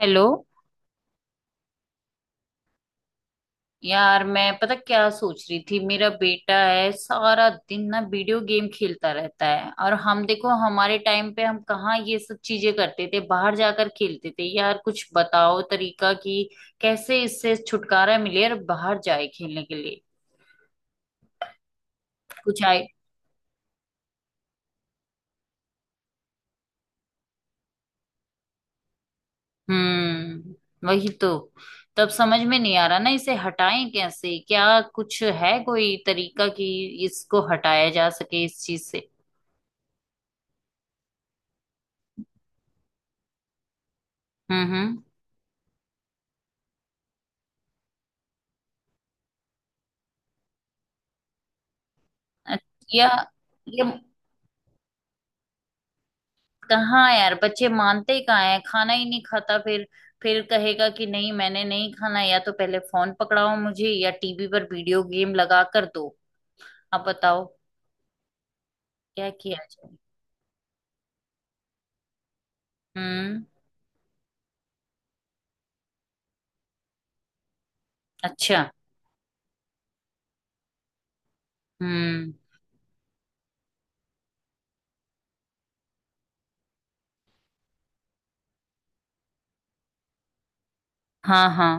Hello. यार, मैं पता क्या सोच रही थी, मेरा बेटा है सारा दिन ना वीडियो गेम खेलता रहता है। और हम देखो, हमारे टाइम पे हम कहाँ ये सब चीजें करते थे, बाहर जाकर खेलते थे। यार कुछ बताओ तरीका कि कैसे इससे छुटकारा मिले और बाहर जाए खेलने के लिए, कुछ आए। हम्म, वही तो। तब समझ में नहीं आ रहा ना, इसे हटाएं कैसे? क्या कुछ है कोई तरीका कि इसको हटाया जा सके इस चीज से? हम्म। हम्म। अच्छा, या? ये कहाँ यार, बच्चे मानते ही कहाँ हैं। खाना ही नहीं खाता फिर। फिर कहेगा कि नहीं, मैंने नहीं खाना, या तो पहले फोन पकड़ाओ मुझे या टीवी पर वीडियो गेम लगा कर दो। अब बताओ क्या किया जाए। हम्म। अच्छा। हम्म। हाँ हाँ।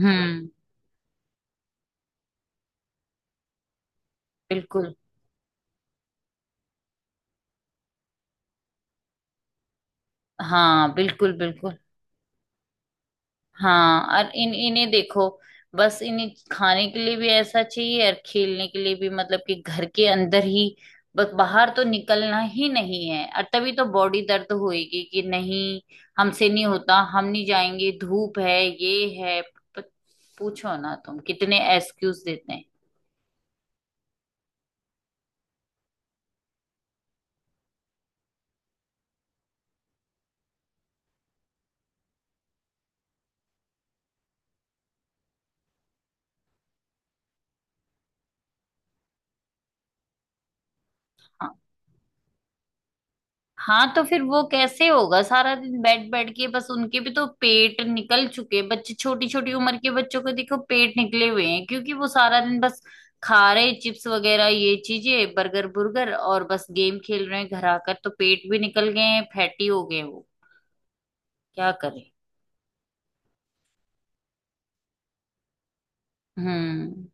हम्म। बिल्कुल। हाँ बिल्कुल बिल्कुल। हाँ और इन इन्हें देखो, बस इन्हें खाने के लिए भी ऐसा चाहिए और खेलने के लिए भी, मतलब कि घर के अंदर ही बस, बाहर तो निकलना ही नहीं है। और तभी तो बॉडी दर्द होएगी कि नहीं। हमसे नहीं होता, हम नहीं जाएंगे, धूप है, ये है, पूछो ना तुम, कितने एक्सक्यूज देते हैं। हाँ। हाँ तो फिर वो कैसे होगा? सारा दिन बैठ बैठ के बस, उनके भी तो पेट निकल चुके। बच्चे छोटी छोटी उम्र के बच्चों को देखो, पेट निकले हुए हैं क्योंकि वो सारा दिन बस खा रहे चिप्स वगैरह, ये चीजें, बर्गर बुर्गर, और बस गेम खेल रहे हैं घर आकर। तो पेट भी निकल गए हैं, फैटी हो गए हैं वो। क्या करें। हम्म।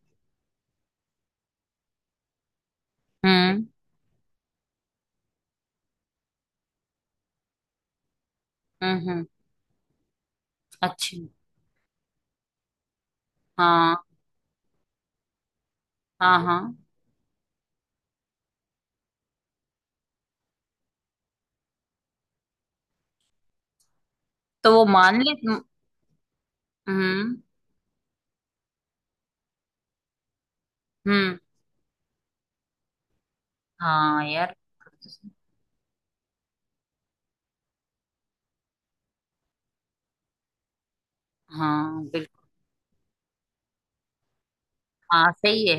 हम्म। हम्म। अच्छा। हाँ। हाँ हाँ। तो वो मान ले। हम्म। हम्म। हम्म, हाँ यार। हाँ बिल्कुल। हाँ सही है।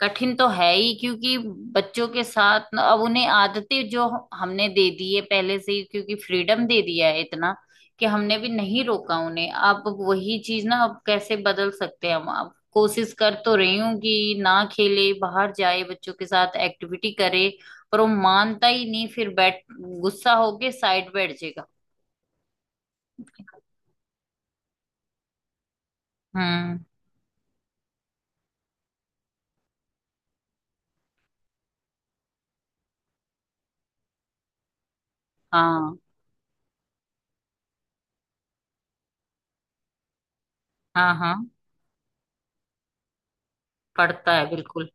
कठिन तो है ही क्योंकि बच्चों के साथ अब उन्हें आदतें जो हमने दे दी है पहले से ही, क्योंकि फ्रीडम दे दिया है इतना कि हमने भी नहीं रोका उन्हें। अब वही चीज ना, अब कैसे बदल सकते हैं हम? अब कोशिश कर तो रही हूँ कि ना खेले, बाहर जाए, बच्चों के साथ एक्टिविटी करे, पर वो मानता ही नहीं। फिर बैठ, गुस्सा होके साइड बैठ जाएगा। हम्म। हाँ हाँ। हाँ, पढ़ता है बिल्कुल।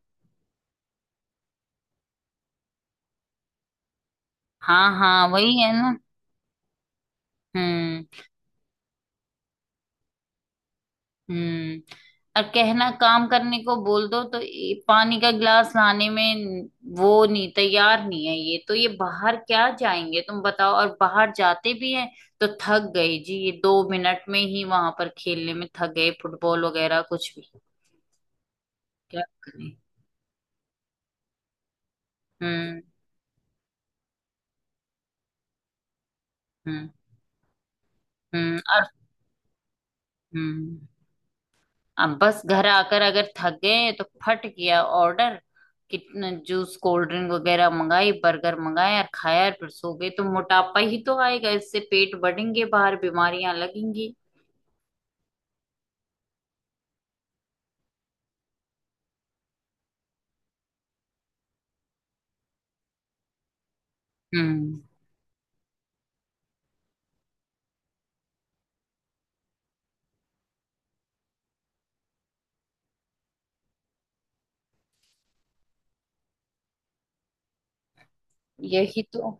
हाँ हाँ, वही है ना। हम्म। हम्म। और कहना, काम करने को बोल दो तो ये पानी का गिलास लाने में वो नहीं, तैयार नहीं है। ये तो, ये बाहर क्या जाएंगे तुम बताओ। और बाहर जाते भी हैं तो थक गए जी, ये 2 मिनट में ही वहां पर खेलने में थक गए, फुटबॉल वगैरह कुछ भी। क्या करें। हम्म। हम्म। हम्म, और। हम्म, अब बस घर आकर अगर थक गए तो फट किया ऑर्डर। कितना जूस कोल्ड ड्रिंक वगैरह मंगाई, बर्गर मंगाया और खाया और फिर सो गए। तो मोटापा ही तो आएगा इससे, पेट बढ़ेंगे बाहर, बीमारियां लगेंगी। हम्म, यही तो।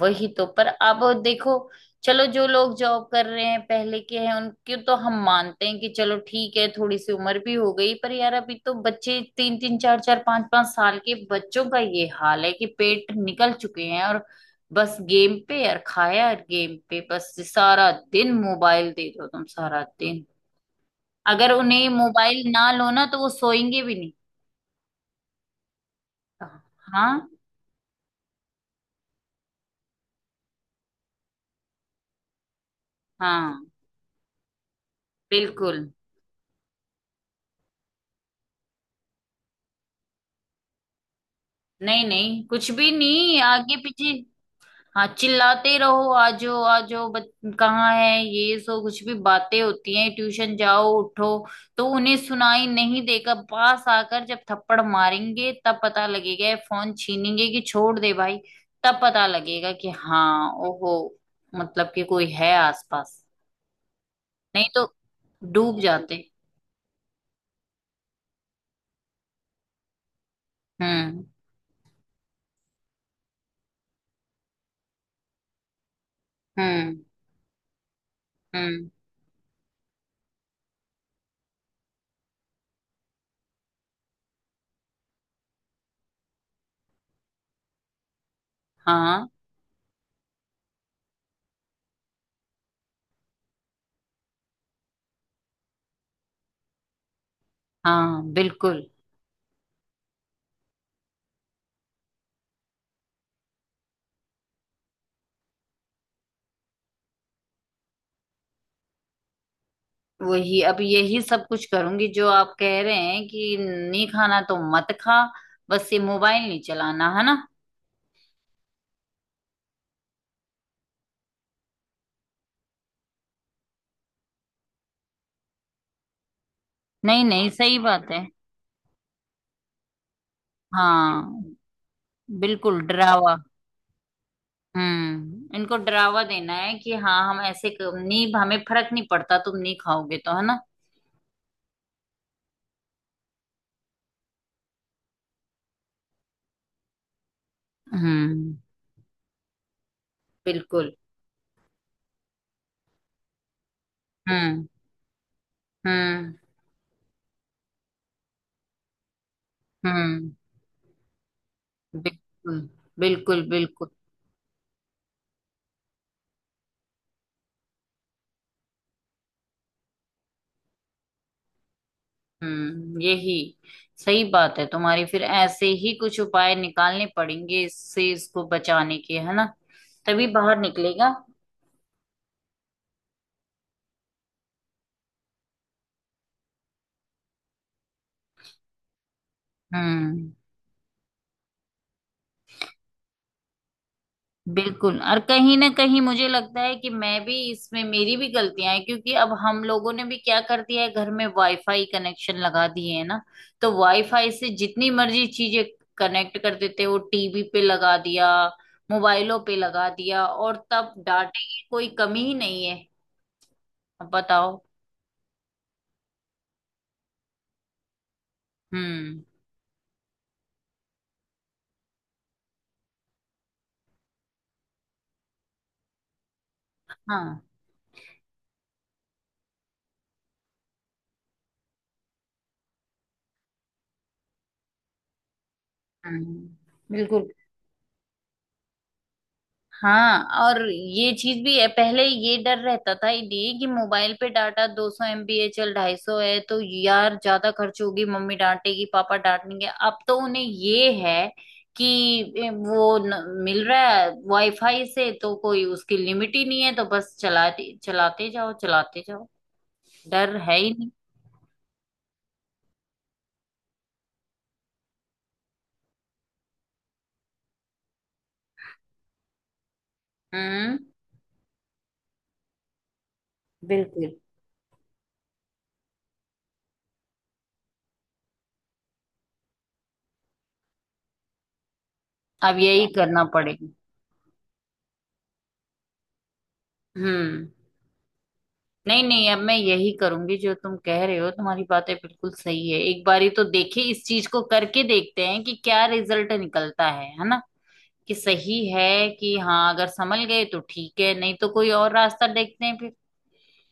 वही तो। पर अब देखो, चलो, जो लोग जॉब कर रहे हैं पहले के हैं, उनके तो हम मानते हैं कि चलो ठीक है, थोड़ी सी उम्र भी हो गई। पर यार अभी तो बच्चे, तीन तीन चार चार पांच पांच साल के बच्चों का ये हाल है कि पेट निकल चुके हैं। और बस गेम पे यार, खाया यार गेम पे, बस सारा दिन। मोबाइल दे दो तुम सारा दिन, अगर उन्हें मोबाइल ना लो ना तो वो सोएंगे भी नहीं। हाँ। हाँ बिल्कुल। नहीं नहीं, कुछ भी नहीं आगे पीछे। हाँ, चिल्लाते रहो, आ जाओ आ जाओ, बच कहाँ है ये, सो कुछ भी बातें होती हैं। ट्यूशन जाओ, उठो, तो उन्हें सुनाई नहीं देगा। पास आकर जब थप्पड़ मारेंगे तब पता लगेगा, ये फोन छीनेंगे कि छोड़ दे भाई, तब पता लगेगा कि हाँ, ओहो, मतलब कि कोई है आसपास। नहीं तो डूब जाते। हम्म। हम्म। हम्म। हाँ हाँ बिल्कुल। वही, अब यही सब कुछ करूंगी जो आप कह रहे हैं कि नहीं खाना तो मत खा, बस ये मोबाइल नहीं चलाना है ना। नहीं नहीं, सही बात है। हाँ, बिल्कुल डरावा। हम्म, इनको डरावा देना है कि हाँ, हम ऐसे नहीं, हमें फर्क नहीं पड़ता, तुम नहीं खाओगे तो, है ना। हम्म। बिल्कुल। हम्म। हम्म। हम्म। बिल्कुल बिल्कुल बिल्कुल। हम्म, यही सही बात है तुम्हारी। फिर ऐसे ही कुछ उपाय निकालने पड़ेंगे इससे, इसको बचाने के, है ना। तभी बाहर निकलेगा। हम्म। बिल्कुल, और कहीं ना कहीं मुझे लगता है कि मैं भी इसमें, मेरी भी गलतियां हैं, क्योंकि अब हम लोगों ने भी क्या कर दिया है, घर में वाईफाई कनेक्शन लगा दिए, है ना। तो वाईफाई से जितनी मर्जी चीजें कनेक्ट कर देते हैं, वो टीवी पे लगा दिया, मोबाइलों पे लगा दिया, और तब डाटे की कोई कमी ही नहीं है। अब बताओ। हम्म। हाँ। हम्म, बिल्कुल। हाँ, और ये चीज भी है, पहले ये डर रहता था ये कि मोबाइल पे डाटा 200 MB है, चल 250 है तो यार ज्यादा खर्च होगी, मम्मी डांटेगी, पापा डांटेंगे। अब तो उन्हें ये है कि ए, वो न, मिल रहा है वाईफाई से, तो कोई उसकी लिमिट ही नहीं है। तो बस चलाते चलाते जाओ, चलाते जाओ, डर है ही नहीं। हम्म। बिल्कुल, अब यही करना पड़ेगा। हम्म, नहीं नहीं, अब मैं यही करूंगी जो तुम कह रहे हो। तुम्हारी बातें बिल्कुल सही है। एक बारी तो देखे, इस चीज को करके देखते हैं कि क्या रिजल्ट निकलता है ना। कि सही है, कि हाँ, अगर संभल गए तो ठीक है, नहीं तो कोई और रास्ता देखते हैं फिर।